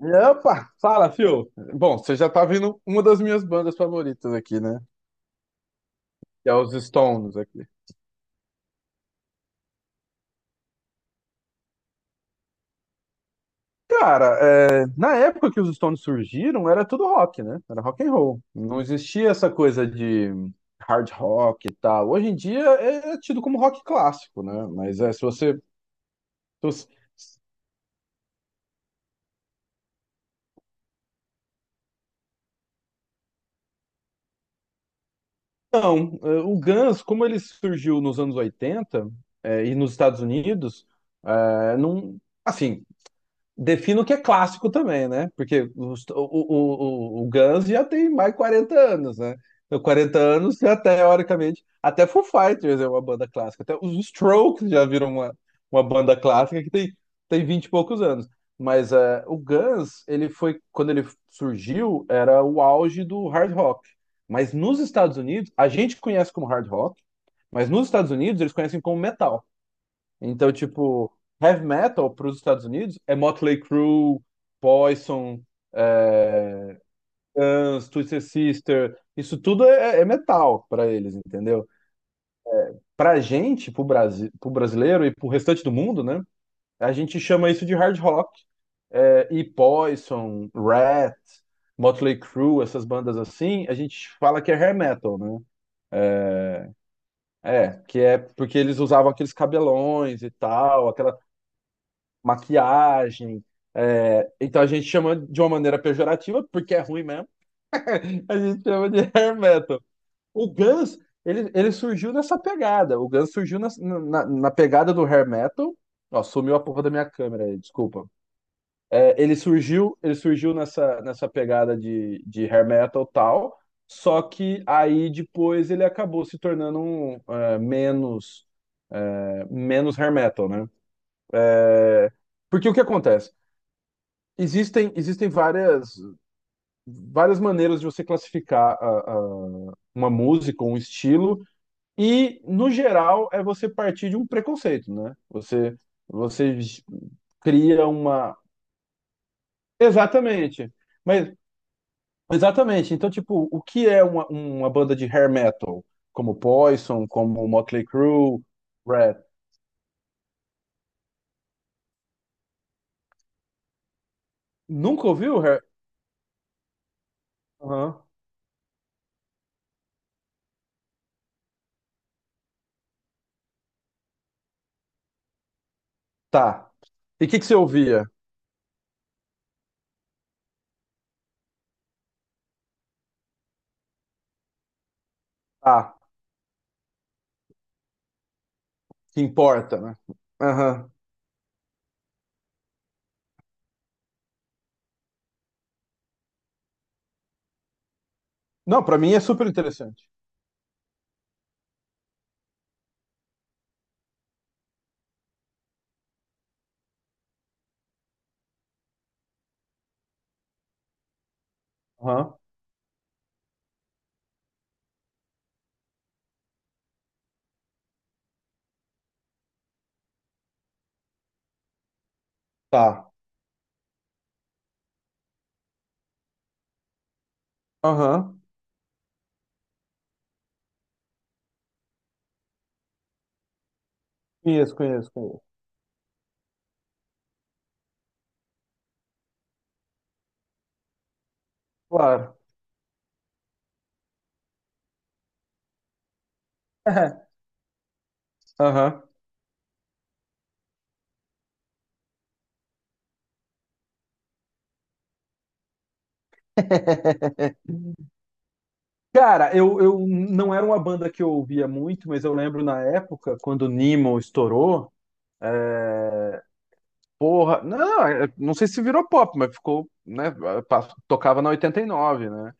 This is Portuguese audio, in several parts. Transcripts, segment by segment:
Opa, fala, fio. Bom, você já tá vendo uma das minhas bandas favoritas aqui, né? Que é os Stones aqui. Cara, é, na época que os Stones surgiram, era tudo rock, né? Era rock and roll. Não existia essa coisa de hard rock e tal. Hoje em dia é tido como rock clássico, né? Mas é, se você... se você- Não, é, o Guns, como ele surgiu nos anos 80, é, e nos Estados Unidos, é, não... Assim, defino o que é clássico também, né? Porque o Guns já tem mais de 40 anos, né? Então, 40 anos, já teoricamente, até Foo Fighters é uma banda clássica. Até os Strokes já viram uma banda clássica que tem 20 e poucos anos. Mas o Guns, ele foi, quando ele surgiu, era o auge do hard rock. Mas nos Estados Unidos, a gente conhece como hard rock, mas nos Estados Unidos eles conhecem como metal. Então, tipo, heavy metal para os Estados Unidos é Motley Crue, Poison, é, Guns, Twisted Sister, isso tudo é metal para eles, entendeu? Pra gente, pro brasileiro e pro restante do mundo, né? A gente chama isso de hard rock. É, e Poison, Rat, Motley Crue, essas bandas assim, a gente fala que é hair metal, né? É, que é porque eles usavam aqueles cabelões e tal, aquela maquiagem. É, então a gente chama de uma maneira pejorativa, porque é ruim mesmo, a gente chama de hair metal. O Guns, ele surgiu nessa pegada. O Guns surgiu na pegada do hair metal. Ó, sumiu a porra da minha câmera aí, desculpa. É, ele surgiu nessa pegada de hair metal e tal, só que aí depois ele acabou se tornando um, é, menos hair metal, né? É, porque o que acontece? Existem várias maneiras de você classificar uma música, um estilo, e, no geral, é você partir de um preconceito, né? Você cria uma. Exatamente. Mas, exatamente. Então, tipo, o que é uma banda de hair metal? Como Poison, como Motley Crue, Red. Nunca ouviu hair? Aham. Tá. E o que que você ouvia? Ah, que importa, né? Aham. Não, pra mim é super interessante. Aham, tá. Aham. Conheço, conheço, conheço. Claro. Aham. Cara, eu não era uma banda que eu ouvia muito, mas eu lembro na época, quando o Nemo estourou, é, porra, não, é, não sei se virou pop, mas ficou, né, tocava na 89, né?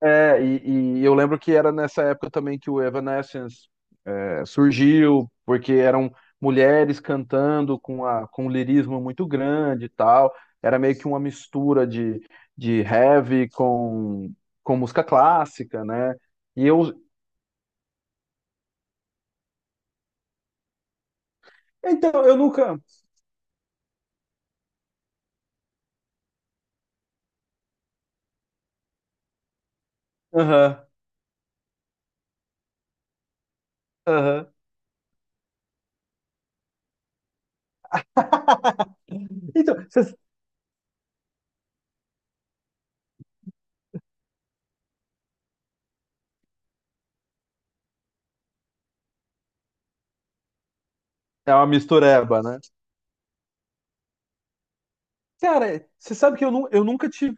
É, e eu lembro que era nessa época também que o Evanescence surgiu porque eram mulheres cantando com um lirismo muito grande e tal. Era meio que uma mistura de heavy com música clássica, né? E eu. Então, eu nunca. Aham, aham. Então, você- É uma mistureba, né? Cara, você sabe que eu nunca tive.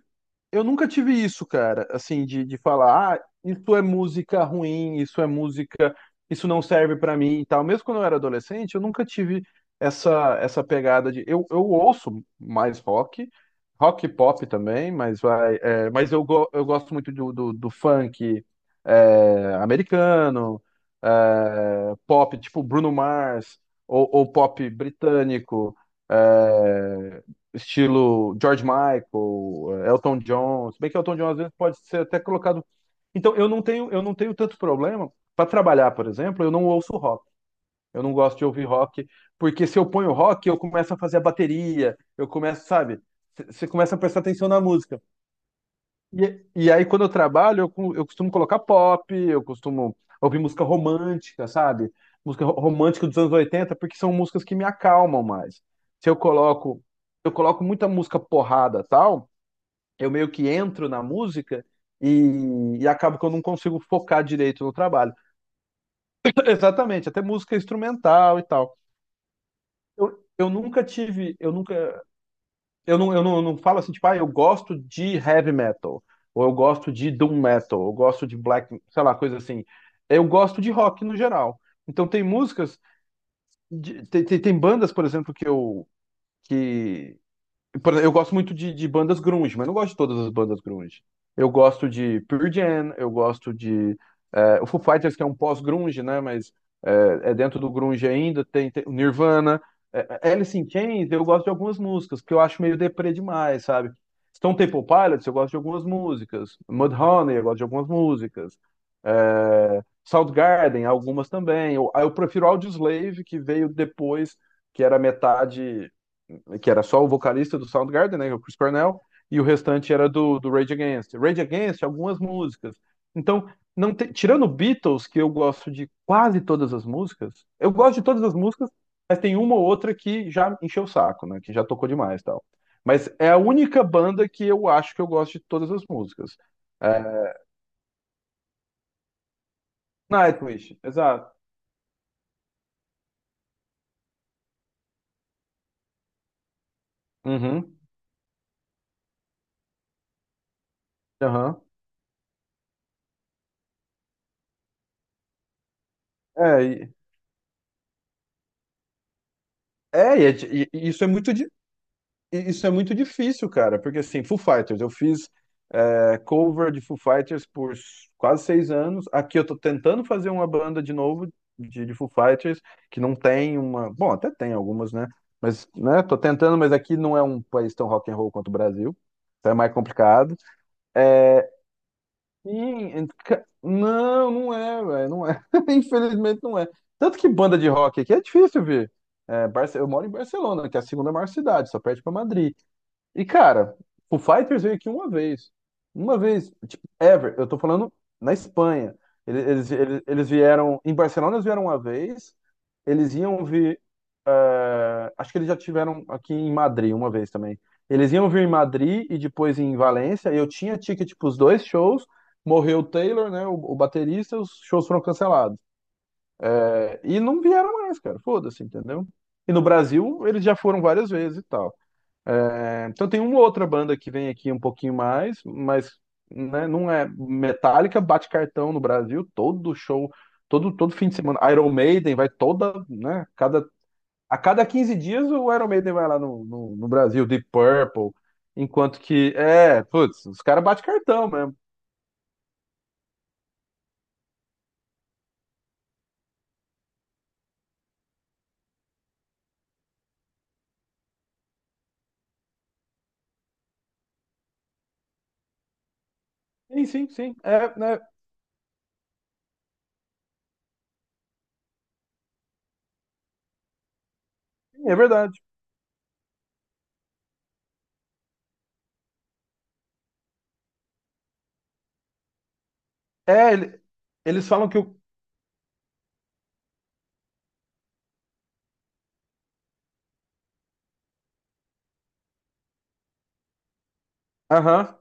Eu nunca tive isso, cara, assim, de falar, ah, isso é música ruim, isso é música, isso não serve pra mim e tal. Mesmo quando eu era adolescente, eu nunca tive essa pegada de. Eu ouço mais rock e pop também, mas vai. É, mas eu gosto muito do funk é, americano, é, pop tipo Bruno Mars, ou pop britânico. É, estilo George Michael, Elton John, se bem que Elton John às vezes pode ser até colocado. Então eu não tenho tanto problema para trabalhar, por exemplo, eu não ouço rock. Eu não gosto de ouvir rock, porque se eu ponho rock, eu começo a fazer a bateria, eu começo, sabe? Você começa a prestar atenção na música. E aí, quando eu trabalho, eu costumo colocar pop, eu costumo ouvir música romântica, sabe? Música romântica dos anos 80 porque são músicas que me acalmam mais. Se eu coloco, eu coloco muita música porrada, tal, eu meio que entro na música e acabo que eu não consigo focar direito no trabalho. Exatamente, até música instrumental e tal. Eu nunca eu não, eu não, eu não falo assim, tipo, ah, eu gosto de heavy metal, ou eu gosto de doom metal, ou eu gosto de black, sei lá, coisa assim. Eu gosto de rock no geral. Então tem músicas, tem bandas, por exemplo, que eu que por exemplo, eu gosto muito de bandas grunge, mas não gosto de todas as bandas grunge. Eu gosto de Pearl Jam, eu gosto de o Foo Fighters, que é um pós-grunge, né? Mas é dentro do grunge ainda, tem o Nirvana, é, Alice in Chains, eu gosto de algumas músicas, que eu acho meio deprê demais, sabe? Stone Temple Pilots, eu gosto de algumas músicas. Mudhoney, eu gosto de algumas músicas. É, Soundgarden, algumas também. Eu prefiro Audioslave, que veio depois, que era metade que era só o vocalista do Soundgarden, né, que é o Chris Cornell, e o restante era do Rage Against. Rage Against, algumas músicas. Então, não tirando Beatles, que eu gosto de quase todas as músicas, eu gosto de todas as músicas, mas tem uma ou outra que já encheu o saco, né, que já tocou demais e tal. Mas é a única banda que eu acho que eu gosto de todas as músicas. É, Nightwish, exato. Uhum, aham. É, e- é, e é di- e- e isso é muito difícil Isso é muito difícil, cara, porque assim, Foo Fighters, eu fiz cover de Foo Fighters por quase 6 anos. Aqui eu tô tentando fazer uma banda de novo de Foo Fighters, que não tem uma. Bom, até tem algumas, né? Mas, né, tô tentando, mas aqui não é um país tão rock and roll quanto o Brasil. Então é mais complicado. É, sim, não, não é, velho, não é. Infelizmente não é. Tanto que banda de rock aqui é difícil, ver. É, eu moro em Barcelona, que é a segunda maior cidade, só perde para Madrid. E, cara, o Fighters veio aqui uma vez. Uma vez, tipo, ever. Eu tô falando na Espanha. Eles vieram. Em Barcelona eles vieram uma vez. Eles iam vir. Acho que eles já tiveram aqui em Madrid uma vez também. Eles iam vir em Madrid e depois em Valência. Eu tinha ticket para os dois shows. Morreu o Taylor, né? O baterista, os shows foram cancelados. E não vieram mais, cara. Foda-se, entendeu? E no Brasil eles já foram várias vezes e tal. É, então tem uma outra banda que vem aqui um pouquinho mais, mas né, não é Metallica, bate cartão no Brasil, todo show, todo fim de semana. Iron Maiden vai toda, né? A cada 15 dias o Iron Maiden vai lá no Brasil, Deep Purple, enquanto que, é, putz, os caras bate cartão mesmo. Sim, sim, sim, é, né, é verdade. É, eles falam que o. Aham.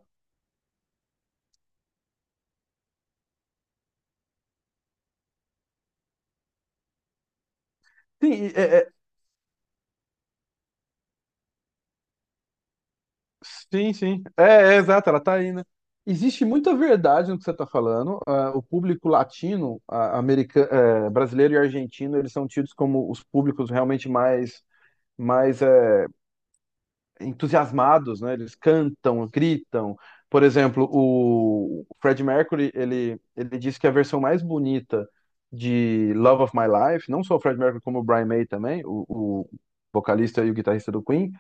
Sim, sim, sim. É, exato, ela tá aí, né? Existe muita verdade no que você está falando. Ah, o público latino, ah, brasileiro e argentino, eles são tidos como os públicos realmente mais, mais é, entusiasmados, né? Eles cantam, gritam. Por exemplo, o Freddie Mercury, ele disse que a versão mais bonita de Love of My Life, não só o Freddie Mercury, como o Brian May também, o vocalista e o guitarrista do Queen,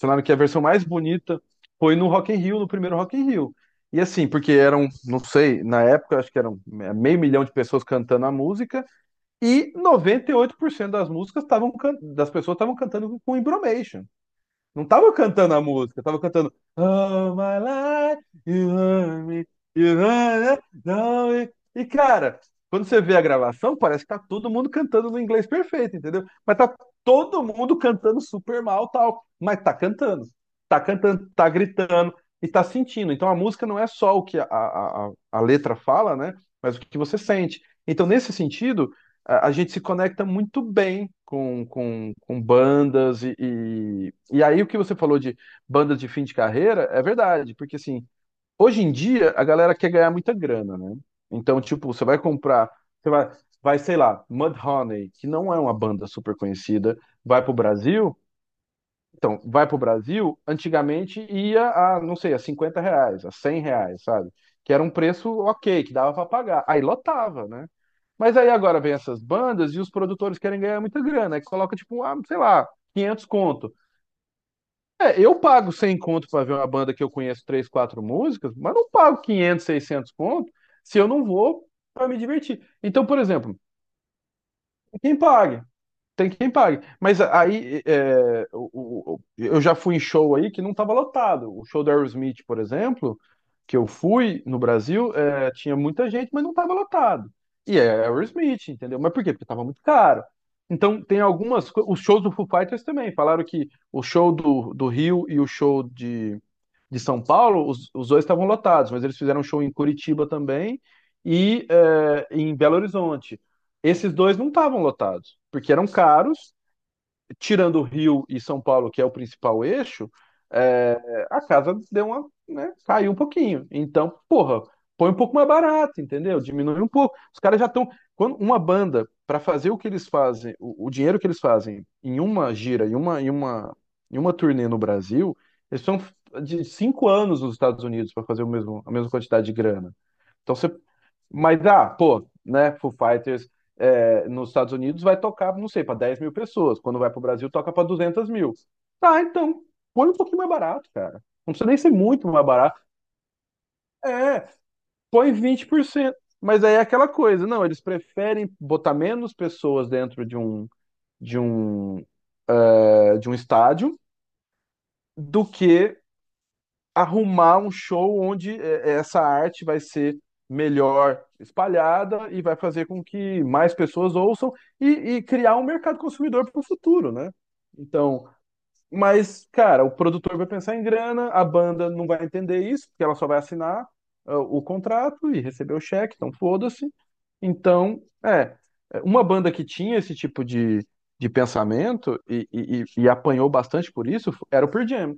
falaram que a versão mais bonita foi no Rock in Rio, no primeiro Rock in Rio. E assim, porque eram, não sei, na época acho que eram meio milhão de pessoas cantando a música e 98% das pessoas estavam cantando com embromation. Não tava cantando a música, tava cantando Oh my life, you hurt me, don't you? E cara, quando você vê a gravação, parece que tá todo mundo cantando no inglês perfeito, entendeu? Mas tá todo mundo cantando super mal, tal, mas tá cantando, tá gritando e tá sentindo. Então a música não é só o que a letra fala, né? Mas o que você sente. Então, nesse sentido, a gente se conecta muito bem com bandas e aí o que você falou de bandas de fim de carreira é verdade, porque assim, hoje em dia a galera quer ganhar muita grana, né? Então, tipo, você vai comprar, você vai, sei lá, Mudhoney, que não é uma banda super conhecida, vai pro Brasil, então, vai para o Brasil, antigamente ia a, não sei, a 50 reais, a 100 reais, sabe? Que era um preço ok, que dava para pagar. Aí lotava, né? Mas aí agora vem essas bandas e os produtores querem ganhar muita grana, aí coloca tipo, sei lá, 500 conto. É, eu pago 100 conto para ver uma banda que eu conheço 3, 4 músicas, mas não pago 500, 600 conto se eu não vou para me divertir. Então, por exemplo, quem paga? Tem quem pague. Mas aí eu já fui em show aí que não estava lotado. O show do Aerosmith, por exemplo, que eu fui no Brasil, tinha muita gente, mas não estava lotado. E é Aerosmith, entendeu? Mas por quê? Porque estava muito caro. Então tem algumas coisas. Os shows do Foo Fighters também. Falaram que o show do Rio e o show de São Paulo, os dois estavam lotados, mas eles fizeram um show em Curitiba também e em Belo Horizonte. Esses dois não estavam lotados, porque eram caros tirando o Rio e São Paulo, que é o principal eixo, é, a casa deu uma, né, caiu um pouquinho. Então, porra, põe um pouco mais barato, entendeu? Diminui um pouco. Os caras já estão. Quando uma banda, para fazer o que eles fazem, o dinheiro que eles fazem em uma gira, em uma turnê no Brasil, eles são de 5 anos nos Estados Unidos para fazer o mesmo, a mesma quantidade de grana. Então você mas, pô, né? Foo Fighters nos Estados Unidos vai tocar, não sei, para 10 mil pessoas. Quando vai para o Brasil, toca para 200 mil. Tá, então, põe um pouquinho mais barato, cara. Não precisa nem ser muito mais barato. É, põe 20%. Mas aí é aquela coisa, não, eles preferem botar menos pessoas dentro de um, de um estádio do que arrumar um show onde essa arte vai ser melhor espalhada e vai fazer com que mais pessoas ouçam e, e criar um mercado consumidor para o futuro, né? Então, mas, cara, o produtor vai pensar em grana, a banda não vai entender isso, porque ela só vai assinar o contrato e receber o cheque, então foda-se. Então, uma banda que tinha esse tipo de pensamento e apanhou bastante por isso era o Pearl Jam.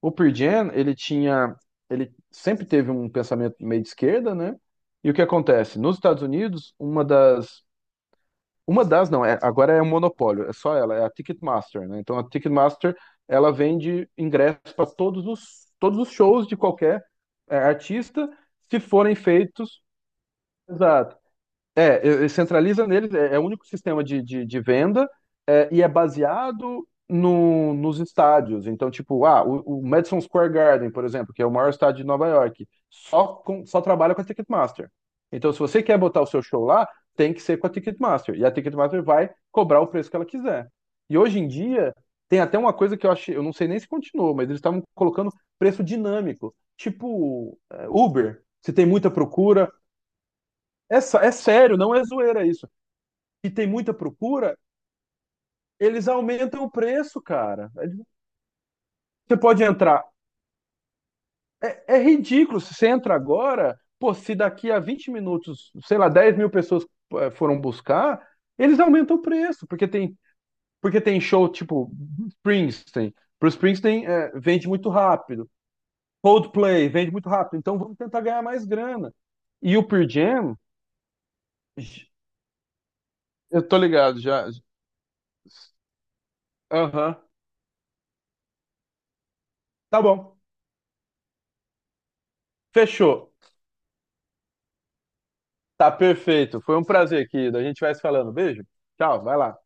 O Pearl Jam, ele sempre teve um pensamento meio de esquerda, né? E o que acontece? Nos Estados Unidos, uma das não, agora é um monopólio, é só ela, é a Ticketmaster, né? Então a Ticketmaster, ela vende ingressos para todos os shows de qualquer artista, se forem feitos, exato, e centraliza neles, é o único sistema de venda e é baseado no, nos estádios. Então, tipo, o Madison Square Garden, por exemplo, que é o maior estádio de Nova York, só trabalha com a Ticketmaster. Então, se você quer botar o seu show lá, tem que ser com a Ticketmaster. E a Ticketmaster vai cobrar o preço que ela quiser. E hoje em dia, tem até uma coisa que eu achei, eu não sei nem se continuou, mas eles estavam colocando preço dinâmico. Tipo, Uber. Se tem muita procura, é sério, não é zoeira isso. E tem muita procura, eles aumentam o preço, cara. Você pode entrar. É ridículo. Se você entra agora, pô, se daqui a 20 minutos, sei lá, 10 mil pessoas foram buscar, eles aumentam o preço, porque tem show tipo Springsteen. Pro Springsteen, vende muito rápido. Coldplay vende muito rápido. Então vamos tentar ganhar mais grana. E o Pearl Jam. Eu tô ligado já. Aham. Tá bom. Fechou. Tá perfeito. Foi um prazer, querido. A gente vai se falando. Beijo. Tchau, vai lá.